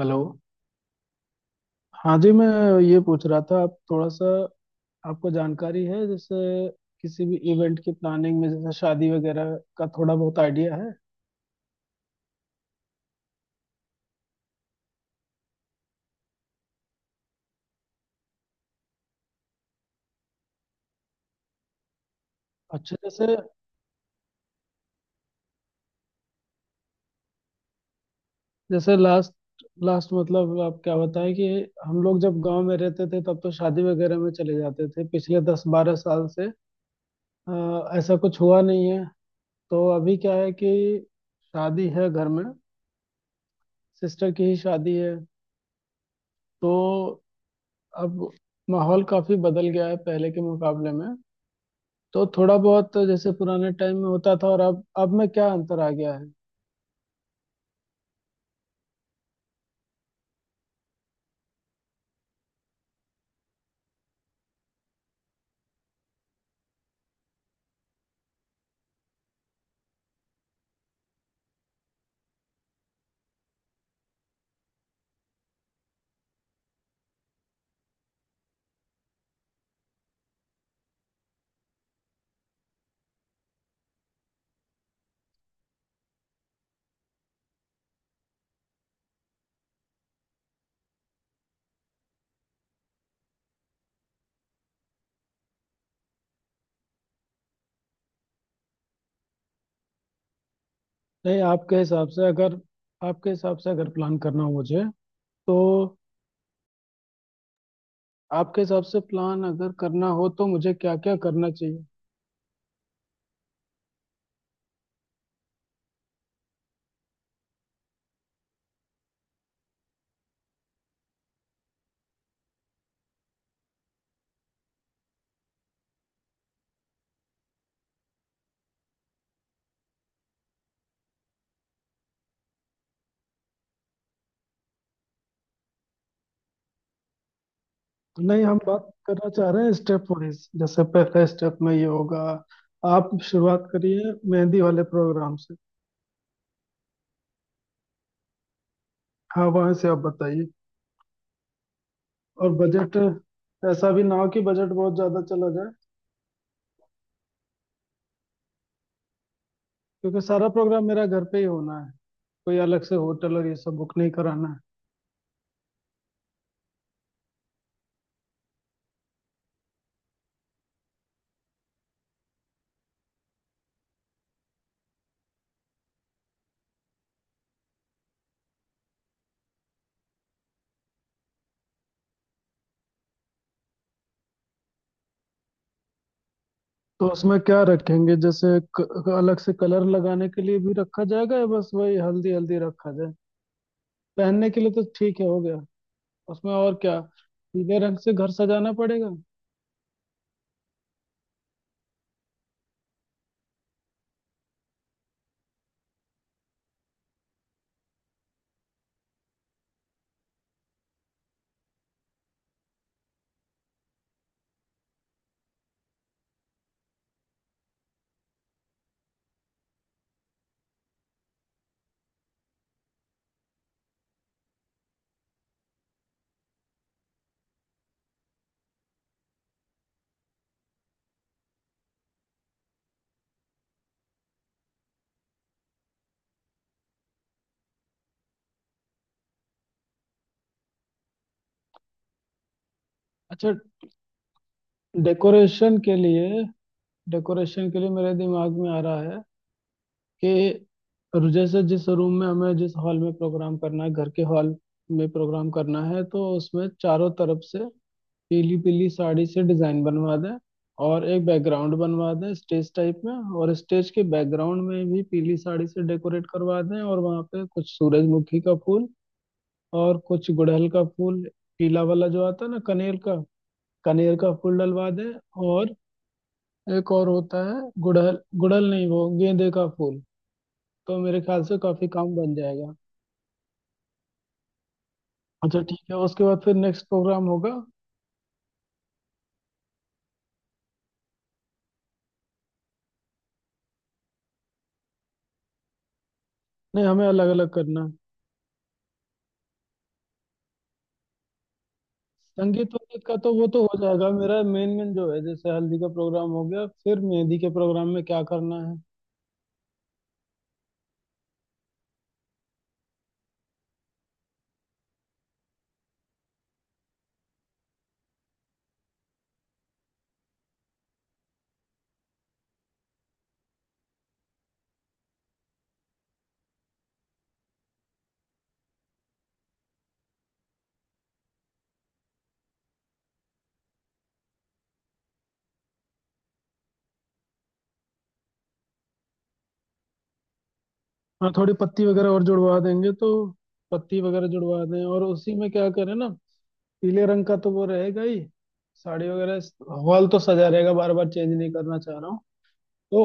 Hello. हाँ जी, मैं ये पूछ रहा था आप थोड़ा सा आपको जानकारी है जैसे किसी भी इवेंट की प्लानिंग में, जैसे शादी वगैरह का थोड़ा बहुत आइडिया है। अच्छा। जैसे जैसे लास्ट लास्ट मतलब आप क्या बताएं कि हम लोग जब गांव में रहते थे तब तो शादी वगैरह में चले जाते थे, पिछले 10 12 साल से अ, ऐसा कुछ हुआ नहीं है। तो अभी क्या है कि शादी है घर में, सिस्टर की ही शादी है। तो अब माहौल काफी बदल गया है पहले के मुकाबले में। तो थोड़ा बहुत जैसे पुराने टाइम में होता था और अब में क्या अंतर आ गया है। नहीं, आपके हिसाब से अगर प्लान करना हो मुझे, तो आपके हिसाब से प्लान अगर करना हो तो मुझे क्या क्या करना चाहिए। नहीं, हम बात करना चाह रहे हैं स्टेप वाइज, जैसे पहले स्टेप में ये होगा। आप शुरुआत करिए मेहंदी वाले प्रोग्राम से। हाँ वहां से आप बताइए। और बजट ऐसा भी ना हो कि बजट बहुत ज्यादा चला जाए, क्योंकि सारा प्रोग्राम मेरा घर पे ही होना है, कोई अलग से होटल और ये सब बुक नहीं कराना। तो उसमें क्या रखेंगे जैसे क, क- अलग से कलर लगाने के लिए भी रखा जाएगा या बस वही हल्दी हल्दी रखा जाए। पहनने के लिए तो ठीक है हो गया। उसमें और क्या पीले रंग से घर सजाना पड़ेगा। अच्छा। डेकोरेशन के लिए, डेकोरेशन के लिए मेरे दिमाग में आ रहा है कि जैसे जिस रूम में हमें, जिस हॉल में प्रोग्राम करना है, घर के हॉल में प्रोग्राम करना है, तो उसमें चारों तरफ से पीली पीली साड़ी से डिजाइन बनवा दें, और एक बैकग्राउंड बनवा दें स्टेज टाइप में, और स्टेज के बैकग्राउंड में भी पीली साड़ी से डेकोरेट करवा दें, और वहाँ पे कुछ सूरजमुखी का फूल और कुछ गुड़हल का फूल, पीला वाला जो आता है ना कनेर का, कनेर का फूल डलवा दें। और एक और होता है गुड़हल, गुड़हल नहीं वो गेंदे का फूल। तो मेरे ख्याल से काफी काम बन जाएगा। अच्छा ठीक है, उसके बाद फिर नेक्स्ट प्रोग्राम होगा। नहीं, हमें अलग अलग करना है। संगीत वंगीत का तो वो तो हो जाएगा, मेरा मेन मेन जो है, जैसे हल्दी का प्रोग्राम हो गया, फिर मेहंदी के प्रोग्राम में क्या करना है। हाँ थोड़ी पत्ती वगैरह और जुड़वा देंगे तो पत्ती वगैरह जुड़वा दें, और उसी में क्या करें ना, पीले रंग का तो वो रहेगा ही, साड़ी वगैरह। हॉल तो सजा रहेगा, बार बार चेंज नहीं करना चाह रहा हूँ। तो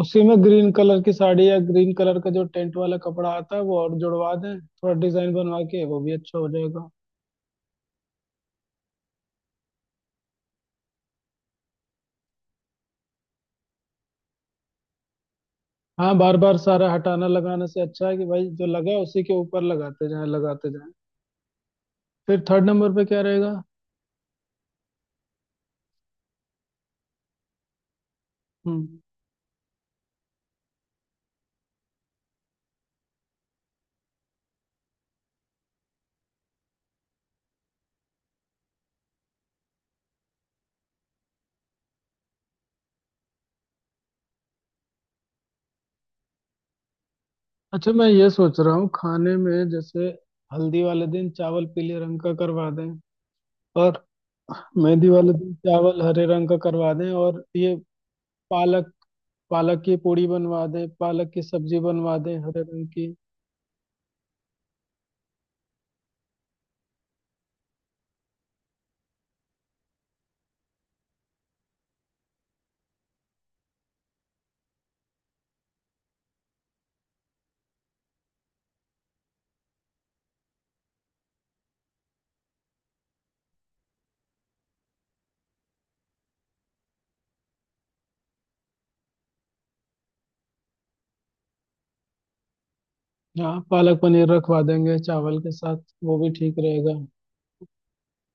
उसी में ग्रीन कलर की साड़ी या ग्रीन कलर का जो टेंट वाला कपड़ा आता है वो और जुड़वा दें, थोड़ा डिजाइन बनवा के वो भी अच्छा हो जाएगा। हाँ बार बार सारा हटाना लगाने से अच्छा है कि भाई जो लगा उसी के ऊपर लगाते जाएं, लगाते जाएं। फिर थर्ड नंबर पे क्या रहेगा। हम्म। अच्छा मैं ये सोच रहा हूँ खाने में, जैसे हल्दी वाले दिन चावल पीले रंग का करवा दें, और मेहंदी वाले दिन चावल हरे रंग का करवा दें, और ये पालक पालक की पूड़ी बनवा दें, पालक की सब्जी बनवा दें हरे रंग की। हाँ पालक पनीर रखवा देंगे चावल के साथ, वो भी ठीक रहेगा।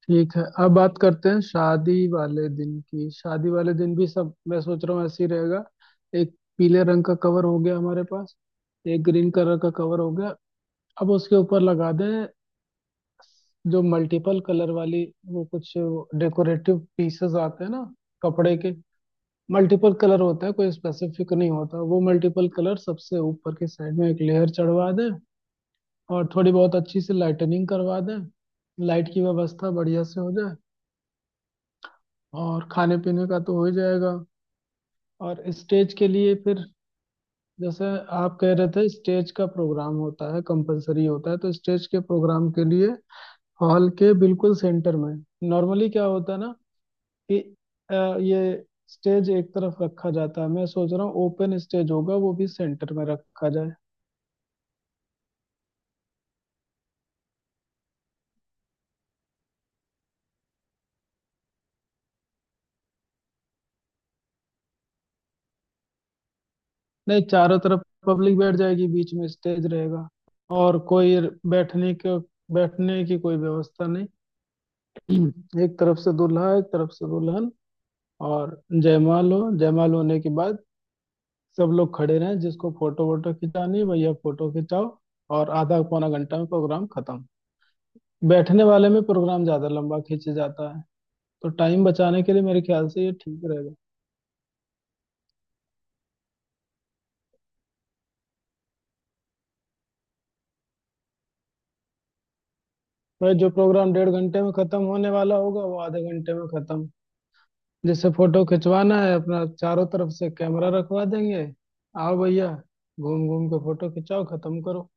ठीक है, अब बात करते हैं शादी वाले दिन की। शादी वाले दिन भी सब मैं सोच रहा हूँ ऐसे ही रहेगा। एक पीले रंग का कवर हो गया हमारे पास, एक ग्रीन कलर का कवर हो गया। अब उसके ऊपर लगा दें जो मल्टीपल कलर वाली वो कुछ डेकोरेटिव पीसेस आते हैं ना कपड़े के, मल्टीपल कलर होता है, कोई स्पेसिफिक नहीं होता, वो मल्टीपल कलर सबसे ऊपर की साइड में एक लेयर चढ़वा दें। और थोड़ी बहुत अच्छी सी लाइटनिंग करवा दें, लाइट की व्यवस्था बढ़िया से हो जाए। और खाने पीने का तो हो ही जाएगा। और स्टेज के लिए फिर, जैसे आप कह रहे थे स्टेज का प्रोग्राम होता है कंपलसरी होता है, तो स्टेज के प्रोग्राम के लिए हॉल के बिल्कुल सेंटर में, नॉर्मली क्या होता है ना कि ये स्टेज एक तरफ रखा जाता है, मैं सोच रहा हूँ ओपन स्टेज होगा वो भी सेंटर में रखा जाए। नहीं, चारों तरफ पब्लिक बैठ जाएगी, बीच में स्टेज रहेगा, और कोई बैठने के बैठने की कोई व्यवस्था नहीं। एक तरफ से दूल्हा, एक तरफ से दुल्हन, और जयमाल होने के बाद सब लोग खड़े रहें, जिसको फोटो वोटो खिंचानी है, भैया फोटो खिंचाओ। और आधा पौना घंटा में प्रोग्राम खत्म। बैठने वाले में प्रोग्राम ज्यादा लंबा खींचे जाता है, तो टाइम बचाने के लिए मेरे ख्याल से ये ठीक रहेगा। भाई जो प्रोग्राम 1.5 घंटे में खत्म होने वाला होगा, वो आधे घंटे में खत्म। जिससे फोटो खिंचवाना है अपना, चारों तरफ से कैमरा रखवा देंगे। आओ भैया, घूम घूम के फोटो खिंचाओ, खत्म करो।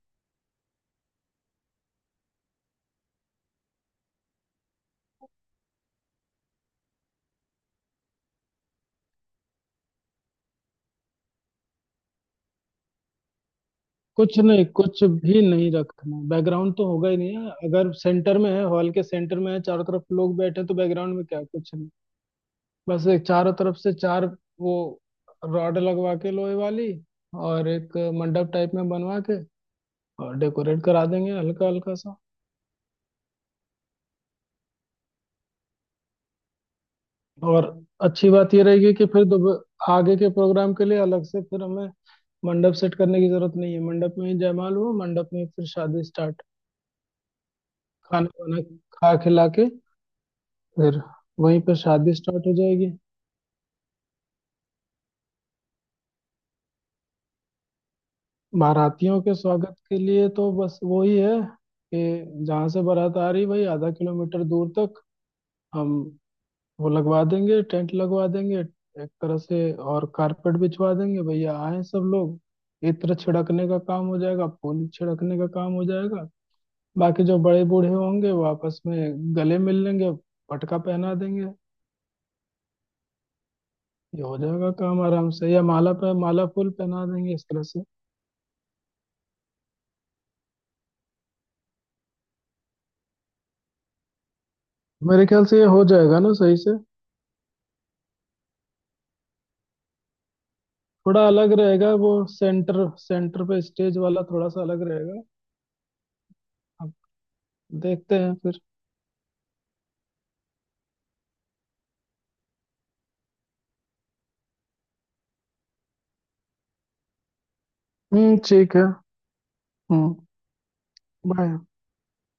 कुछ नहीं, कुछ भी नहीं रखना, बैकग्राउंड तो होगा ही नहीं है। अगर सेंटर में है, हॉल के सेंटर में है, चारों तरफ लोग बैठे हैं, तो बैकग्राउंड में क्या, कुछ नहीं। बस एक चारों तरफ से चार वो रॉड लगवा के लोहे वाली, और एक मंडप टाइप में बनवा के, और डेकोरेट करा देंगे हल्का हल्का सा। और अच्छी बात ये रहेगी कि फिर आगे के प्रोग्राम के लिए अलग से फिर हमें मंडप सेट करने की जरूरत नहीं है। मंडप में ही जयमाल हुआ, मंडप में फिर शादी स्टार्ट, खाना वाना खा खिला के, फिर वहीं पर शादी स्टार्ट हो जाएगी। बारातियों के स्वागत के लिए तो बस वही है कि जहाँ से बारात आ रही, वही आधा किलोमीटर दूर तक हम वो लगवा देंगे, टेंट लगवा देंगे एक तरह से, और कारपेट बिछवा देंगे, भैया आए सब लोग, इत्र छिड़कने का काम हो जाएगा, फूल छिड़कने का काम हो जाएगा, बाकी जो बड़े बूढ़े होंगे वो आपस में गले मिल लेंगे, पटका पहना देंगे। ये हो जाएगा काम आराम से, या माला पे माला फूल पहना देंगे इस तरह से। मेरे ख्याल से ये हो जाएगा ना सही से। थोड़ा अलग रहेगा वो, सेंटर सेंटर पे स्टेज वाला थोड़ा सा अलग रहेगा। अब देखते हैं फिर। हम्म, ठीक है। हम्म। बाय।